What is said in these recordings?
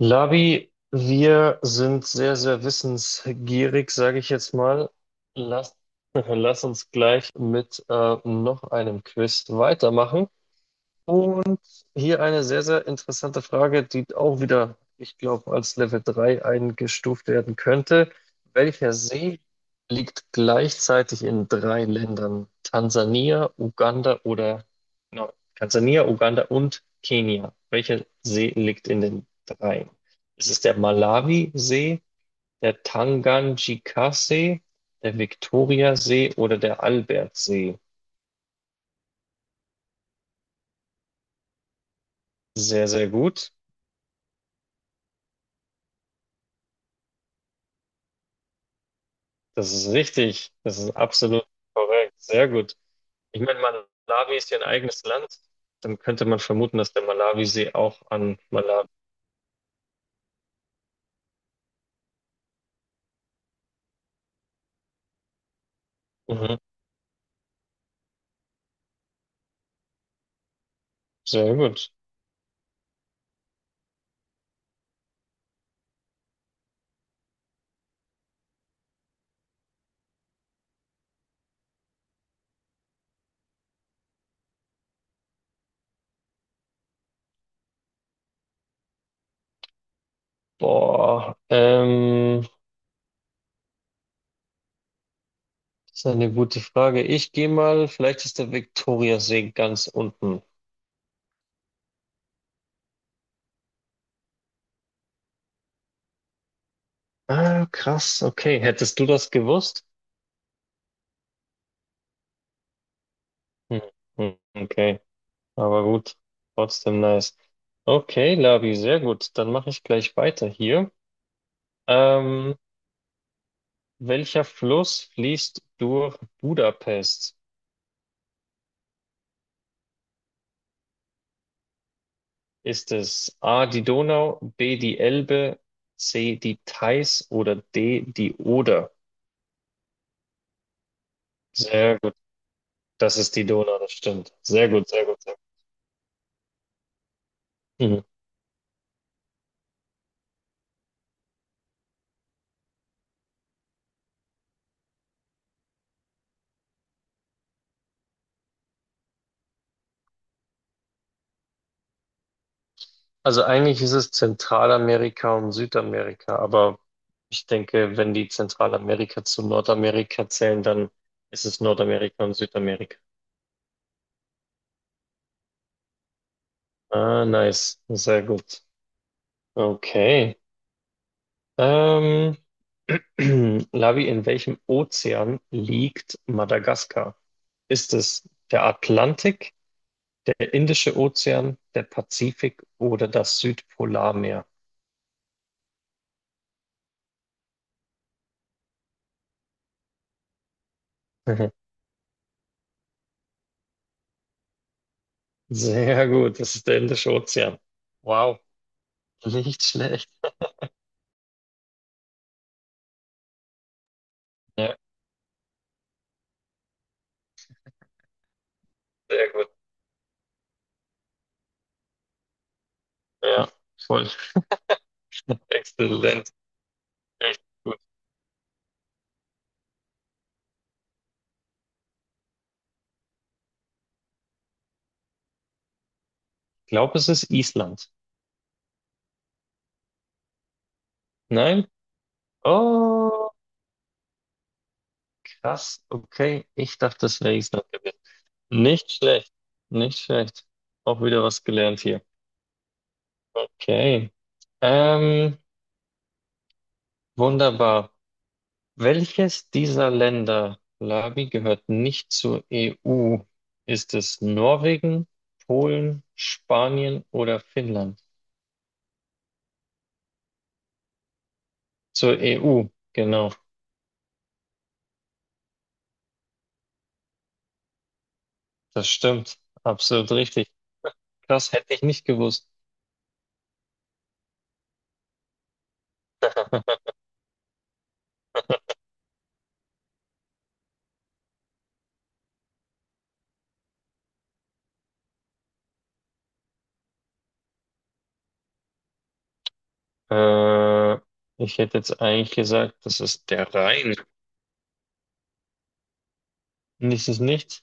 Labi, wir sind sehr, sehr wissensgierig, sage ich jetzt mal. Lass, lass uns gleich mit noch einem Quiz weitermachen. Und hier eine sehr, sehr interessante Frage, die auch wieder, ich glaube, als Level 3 eingestuft werden könnte. Welcher See liegt gleichzeitig in drei Ländern? Tansania, Uganda oder, no, Tansania, Uganda und Kenia. Welcher See liegt in den dreien? Ist es der Malawi-See, der Tanganjika-See, der Viktoria-See oder der Albert-See? Sehr, sehr gut. Das ist richtig. Das ist absolut korrekt. Sehr gut. Ich meine, Malawi ist ja ein eigenes Land. Dann könnte man vermuten, dass der Malawisee auch an Malawi. Mhm. Sehr gut. Boah, das ist eine gute Frage. Ich gehe mal, vielleicht ist der Viktoriasee ganz unten. Ah, krass. Okay. Hättest du das gewusst? Hm. Okay. Aber gut. Trotzdem nice. Okay, Labi, sehr gut. Dann mache ich gleich weiter hier. Ähm, Welcher Fluss fließt durch Budapest? Ist es A die Donau, B die Elbe, C die Theiß oder D die Oder? Sehr gut, das ist die Donau, das stimmt. Sehr gut, sehr gut, sehr gut. Mhm. Also eigentlich ist es Zentralamerika und Südamerika, aber ich denke, wenn die Zentralamerika zu Nordamerika zählen, dann ist es Nordamerika und Südamerika. Ah, nice, sehr gut. Okay. Ähm, Lavi, in welchem Ozean liegt Madagaskar? Ist es der Atlantik, der Indische Ozean, der Pazifik oder das Südpolarmeer? Sehr gut, das ist der Indische Ozean. Wow, nicht schlecht. Ja, sehr gut. Ja, voll. Exzellent. Echt gut. Ich glaube, es ist Island. Nein? Oh, krass. Okay, ich dachte, es wäre Island gewesen. Nicht schlecht. Nicht schlecht. Auch wieder was gelernt hier. Okay. Ähm, wunderbar. Welches dieser Länder, Labi, gehört nicht zur EU? Ist es Norwegen, Polen, Spanien oder Finnland? Zur EU, genau. Das stimmt. Absolut richtig. Krass, hätte ich nicht gewusst. Äh, ich hätte jetzt eigentlich gesagt, das ist der Rhein. Und ist es nicht?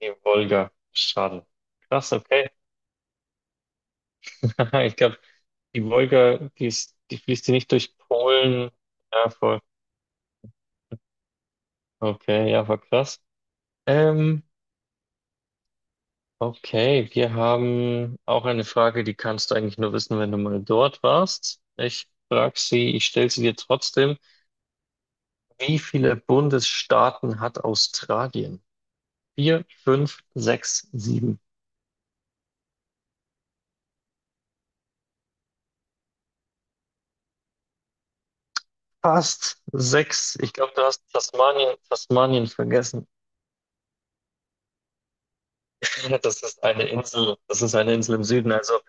Die Wolga. Schade. Krass, okay. Ich glaube, die Wolga, die ist, die fließt die nicht durch Polen. Ja, voll. Okay, ja, war krass. Ähm, okay, wir haben auch eine Frage, die kannst du eigentlich nur wissen, wenn du mal dort warst. Ich frage sie, ich stelle sie dir trotzdem. Wie viele Bundesstaaten hat Australien? Vier, fünf, sechs, sieben. Fast sechs. Ich glaube, du hast Tasmanien, Tasmanien vergessen. Das ist eine Insel, das ist eine Insel im Süden, also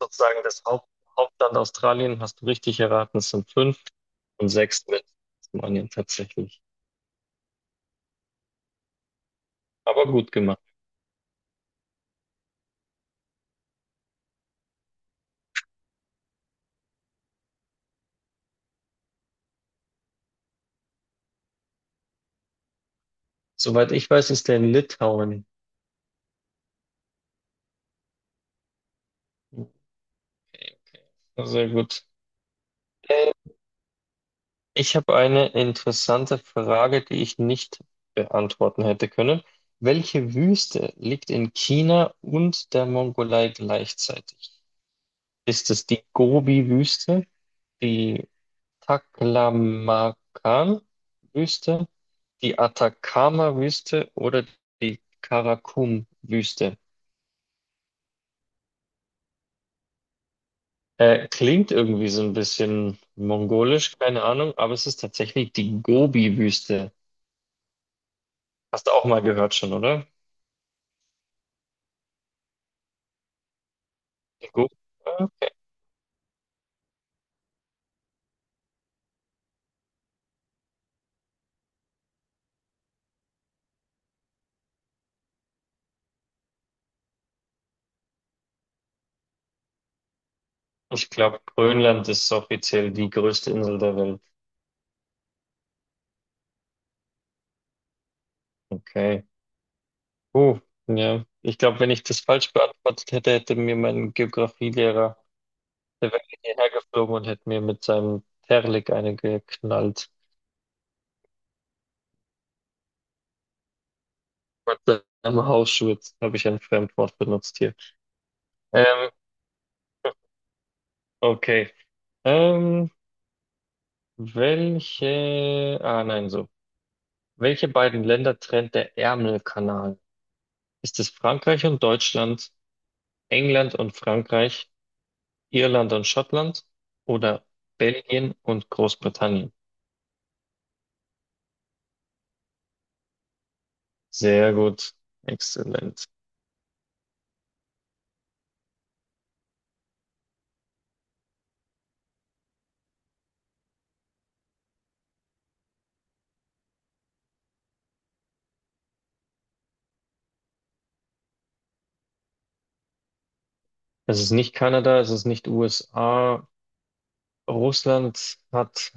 sozusagen das Hauptland Australien, hast du richtig erraten, es sind fünf und sechs mit Tasmanien tatsächlich. Aber gut gemacht. Soweit ich weiß, ist der in Litauen. Okay, sehr gut. Äh, ich habe eine interessante Frage, die ich nicht beantworten hätte können. Welche Wüste liegt in China und der Mongolei gleichzeitig? Ist es die Gobi-Wüste, die Taklamakan Wüste, die Atacama Wüste oder die Karakum Wüste? Klingt irgendwie so ein bisschen mongolisch, keine Ahnung, aber es ist tatsächlich die Gobi Wüste. Hast du auch mal gehört schon, oder? Die Gobi? Okay. Ich glaube, Grönland ist offiziell die größte Insel der Welt. Okay. Uh, ja. Ich glaube, wenn ich das falsch beantwortet hätte, hätte mir mein Geografielehrer. Der wäre hierher geflogen und hätte mir mit seinem Terlik eine geknallt. Mit seinem Hausschurz habe ich ein Fremdwort benutzt hier. Ähm, okay. Ähm, welche. Ah, nein, so. Welche beiden Länder trennt der Ärmelkanal? Ist es Frankreich und Deutschland, England und Frankreich, Irland und Schottland oder Belgien und Großbritannien? Sehr gut. Exzellent. Es ist nicht Kanada, es ist nicht USA. Russland hat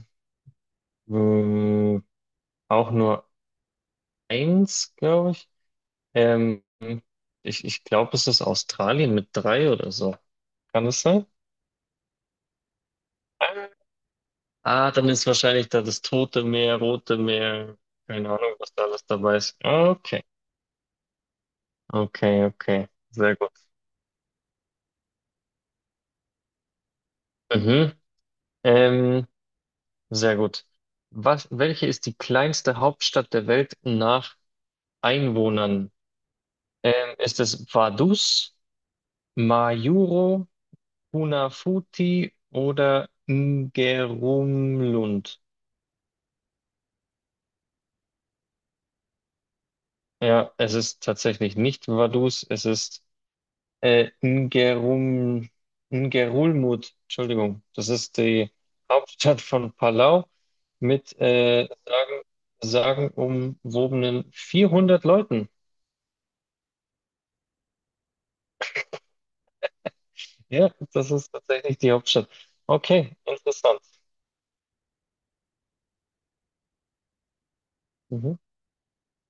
Äh, auch nur eins, glaube ich. Ähm, ich glaube, es ist Australien mit drei oder so. Kann das sein? Ah, dann ist wahrscheinlich da das Tote Meer, Rote Meer, keine Ahnung, was da alles dabei ist. Ah, okay, okay, okay, sehr gut. Mhm. Ähm, sehr gut. Was, welche ist die kleinste Hauptstadt der Welt nach Einwohnern? Ist es Vaduz, Majuro, Funafuti oder Ngerumlund? Ja, es ist tatsächlich nicht Vaduz, es ist äh, Ngerum, Ngerulmud. Entschuldigung, das ist die Hauptstadt von Palau mit sagenumwobenen 400 Leuten. Ja, das ist tatsächlich die Hauptstadt. Okay, interessant. Mhm.